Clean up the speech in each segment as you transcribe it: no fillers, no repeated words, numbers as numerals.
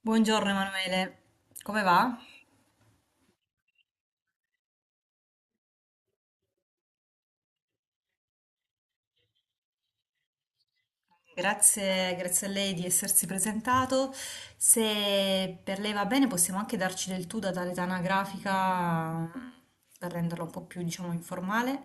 Buongiorno Emanuele, come va? Grazie, grazie a lei di essersi presentato. Se per lei va bene, possiamo anche darci del tu da tale anagrafica per renderla un po' più, diciamo, informale.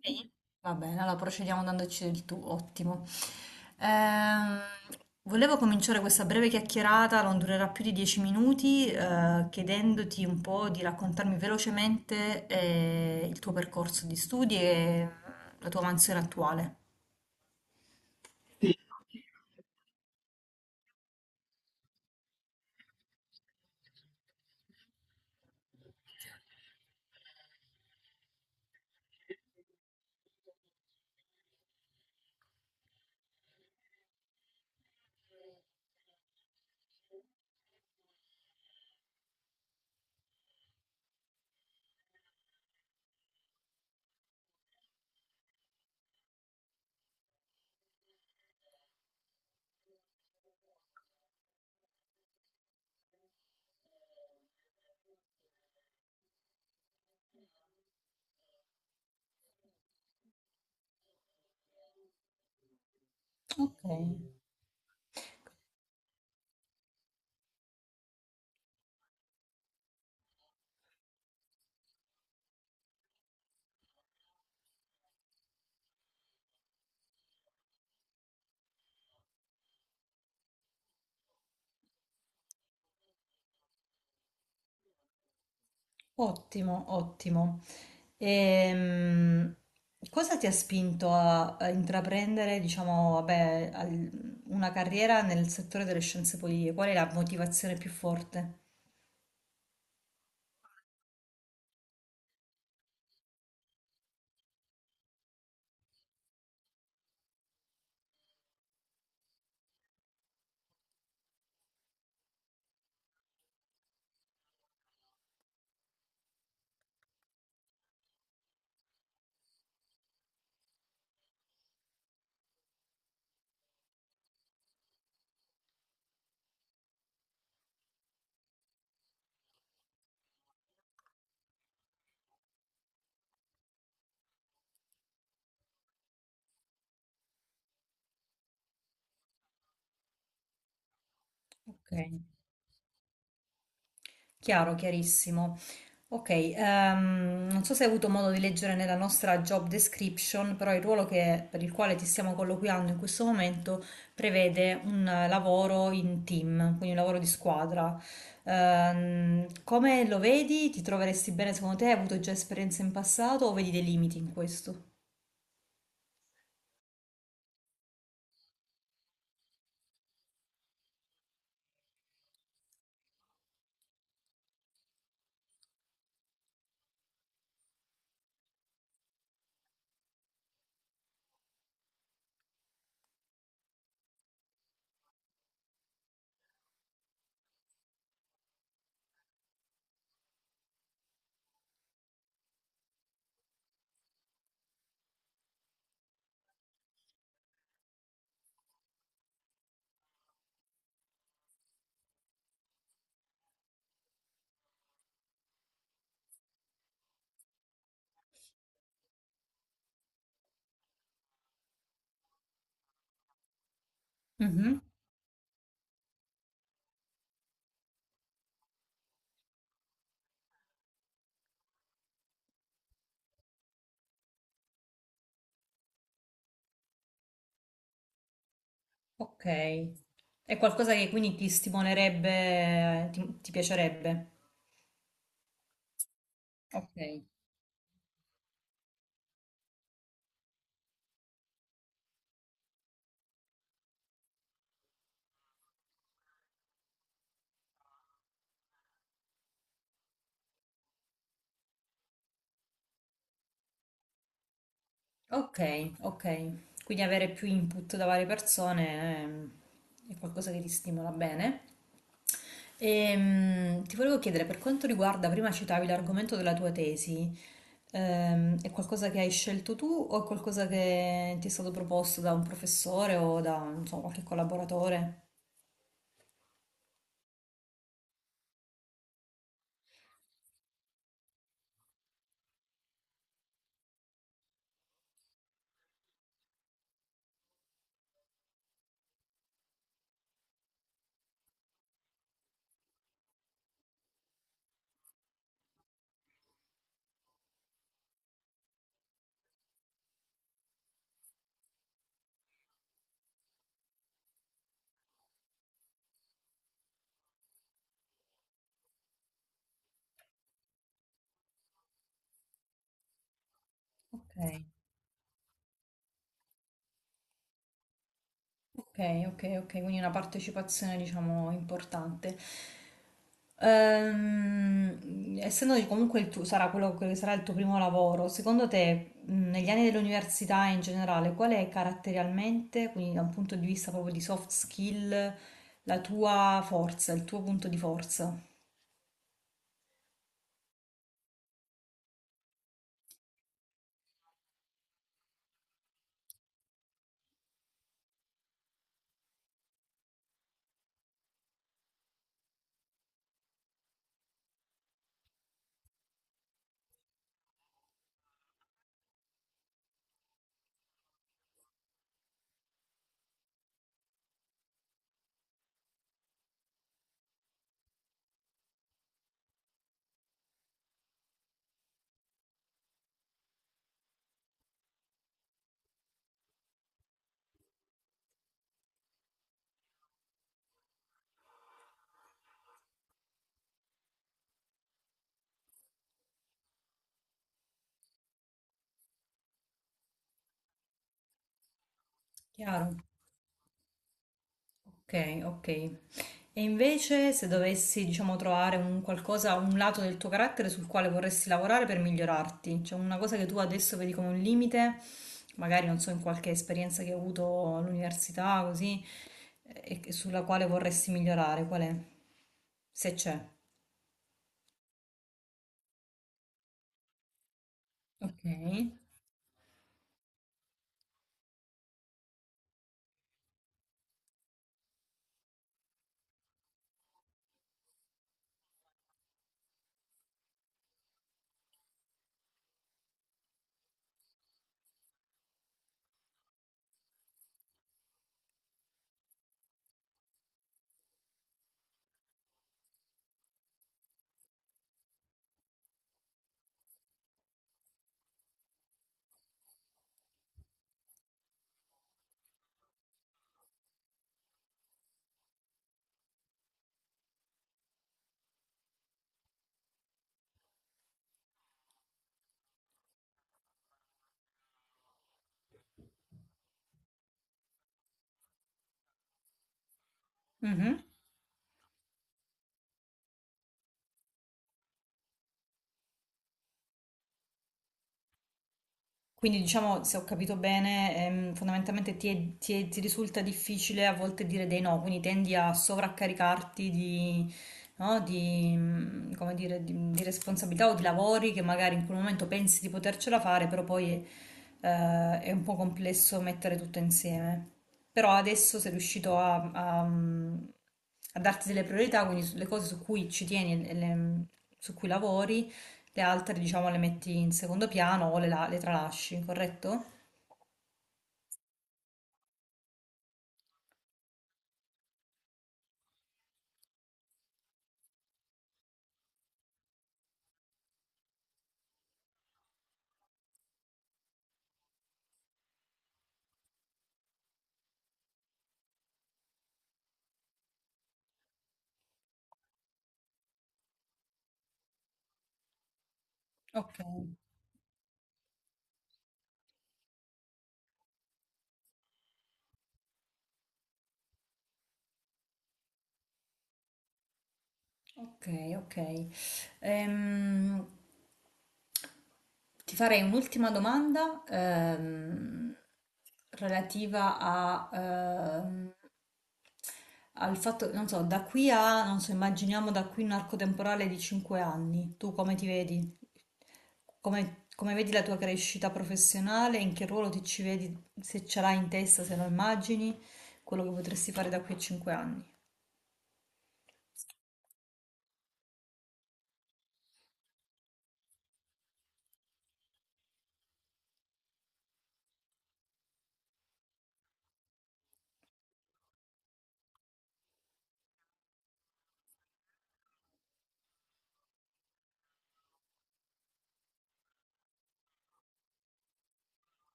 Sì. Va bene, allora procediamo dandoci del tu, ottimo. Ehm, volevo cominciare questa breve chiacchierata, non durerà più di 10 minuti, chiedendoti un po' di raccontarmi velocemente, il tuo percorso di studi e la tua mansione attuale. Ok, ottimo, ottimo. Ehm, cosa ti ha spinto a intraprendere, diciamo, vabbè, una carriera nel settore delle scienze politiche? Qual è la motivazione più forte? Ok, chiaro, chiarissimo. Ok, non so se hai avuto modo di leggere nella nostra job description, però il ruolo per il quale ti stiamo colloquiando in questo momento prevede un lavoro in team, quindi un lavoro di squadra. Come lo vedi? Ti troveresti bene secondo te? Hai avuto già esperienze in passato o vedi dei limiti in questo? Mhm. Ok, è qualcosa che quindi ti stimolerebbe, ti piacerebbe? Ok. Ok, ok. Quindi avere più input da varie persone è qualcosa che ti stimola bene. Ti volevo chiedere, per quanto riguarda, prima citavi l'argomento della tua tesi, è qualcosa che hai scelto tu o è qualcosa che ti è stato proposto da un professore o da, non so, qualche collaboratore? Ok. Ok, ok, ok, quindi una partecipazione diciamo importante. Essendo che comunque il tuo, sarà quello che sarà il tuo primo lavoro, secondo te negli anni dell'università in generale, qual è caratterialmente, quindi da un punto di vista proprio di soft skill, la tua forza, il tuo punto di forza? Chiaro? Ok, ok. E invece, se dovessi, diciamo, trovare un qualcosa, un lato del tuo carattere sul quale vorresti lavorare per migliorarti, cioè una cosa che tu adesso vedi come un limite, magari non so, in qualche esperienza che hai avuto all'università, così, e sulla quale vorresti migliorare, qual è? Se c'è. Ok. Mhm. Quindi diciamo, se ho capito bene, fondamentalmente ti risulta difficile a volte dire dei no, quindi tendi a sovraccaricarti no, come dire, di responsabilità o di lavori che magari in quel momento pensi di potercela fare, però poi è un po' complesso mettere tutto insieme. Però adesso sei riuscito a darti delle priorità, quindi le cose su cui ci tieni e su cui lavori le altre, diciamo, le metti in secondo piano o le tralasci, corretto? Ok. Ok, ok. Ehm, ti farei un'ultima domanda relativa al fatto, non so, da qui a, non so, immaginiamo da qui un arco temporale di 5 anni. Tu come ti vedi? Come vedi la tua crescita professionale? In che ruolo ti ci vedi? Se ce l'hai in testa, se lo immagini, quello che potresti fare da qui a 5 anni.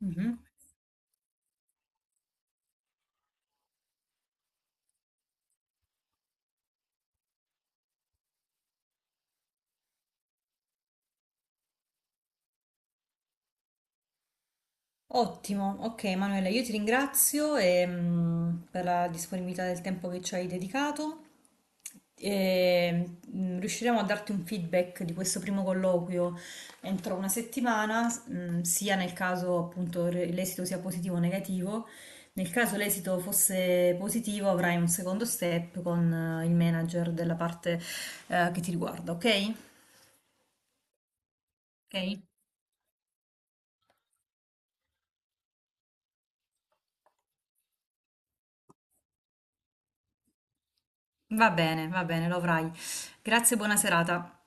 Mhm. Ottimo, ok Manuela, io ti ringrazio per la disponibilità del tempo che ci hai dedicato e riusciremo a darti un feedback di questo primo colloquio entro una settimana, sia nel caso appunto l'esito sia positivo o negativo. Nel caso l'esito fosse positivo avrai un secondo step con il manager della parte che ti riguarda, ok? Ok? Va bene, lo avrai. Grazie, e buona serata.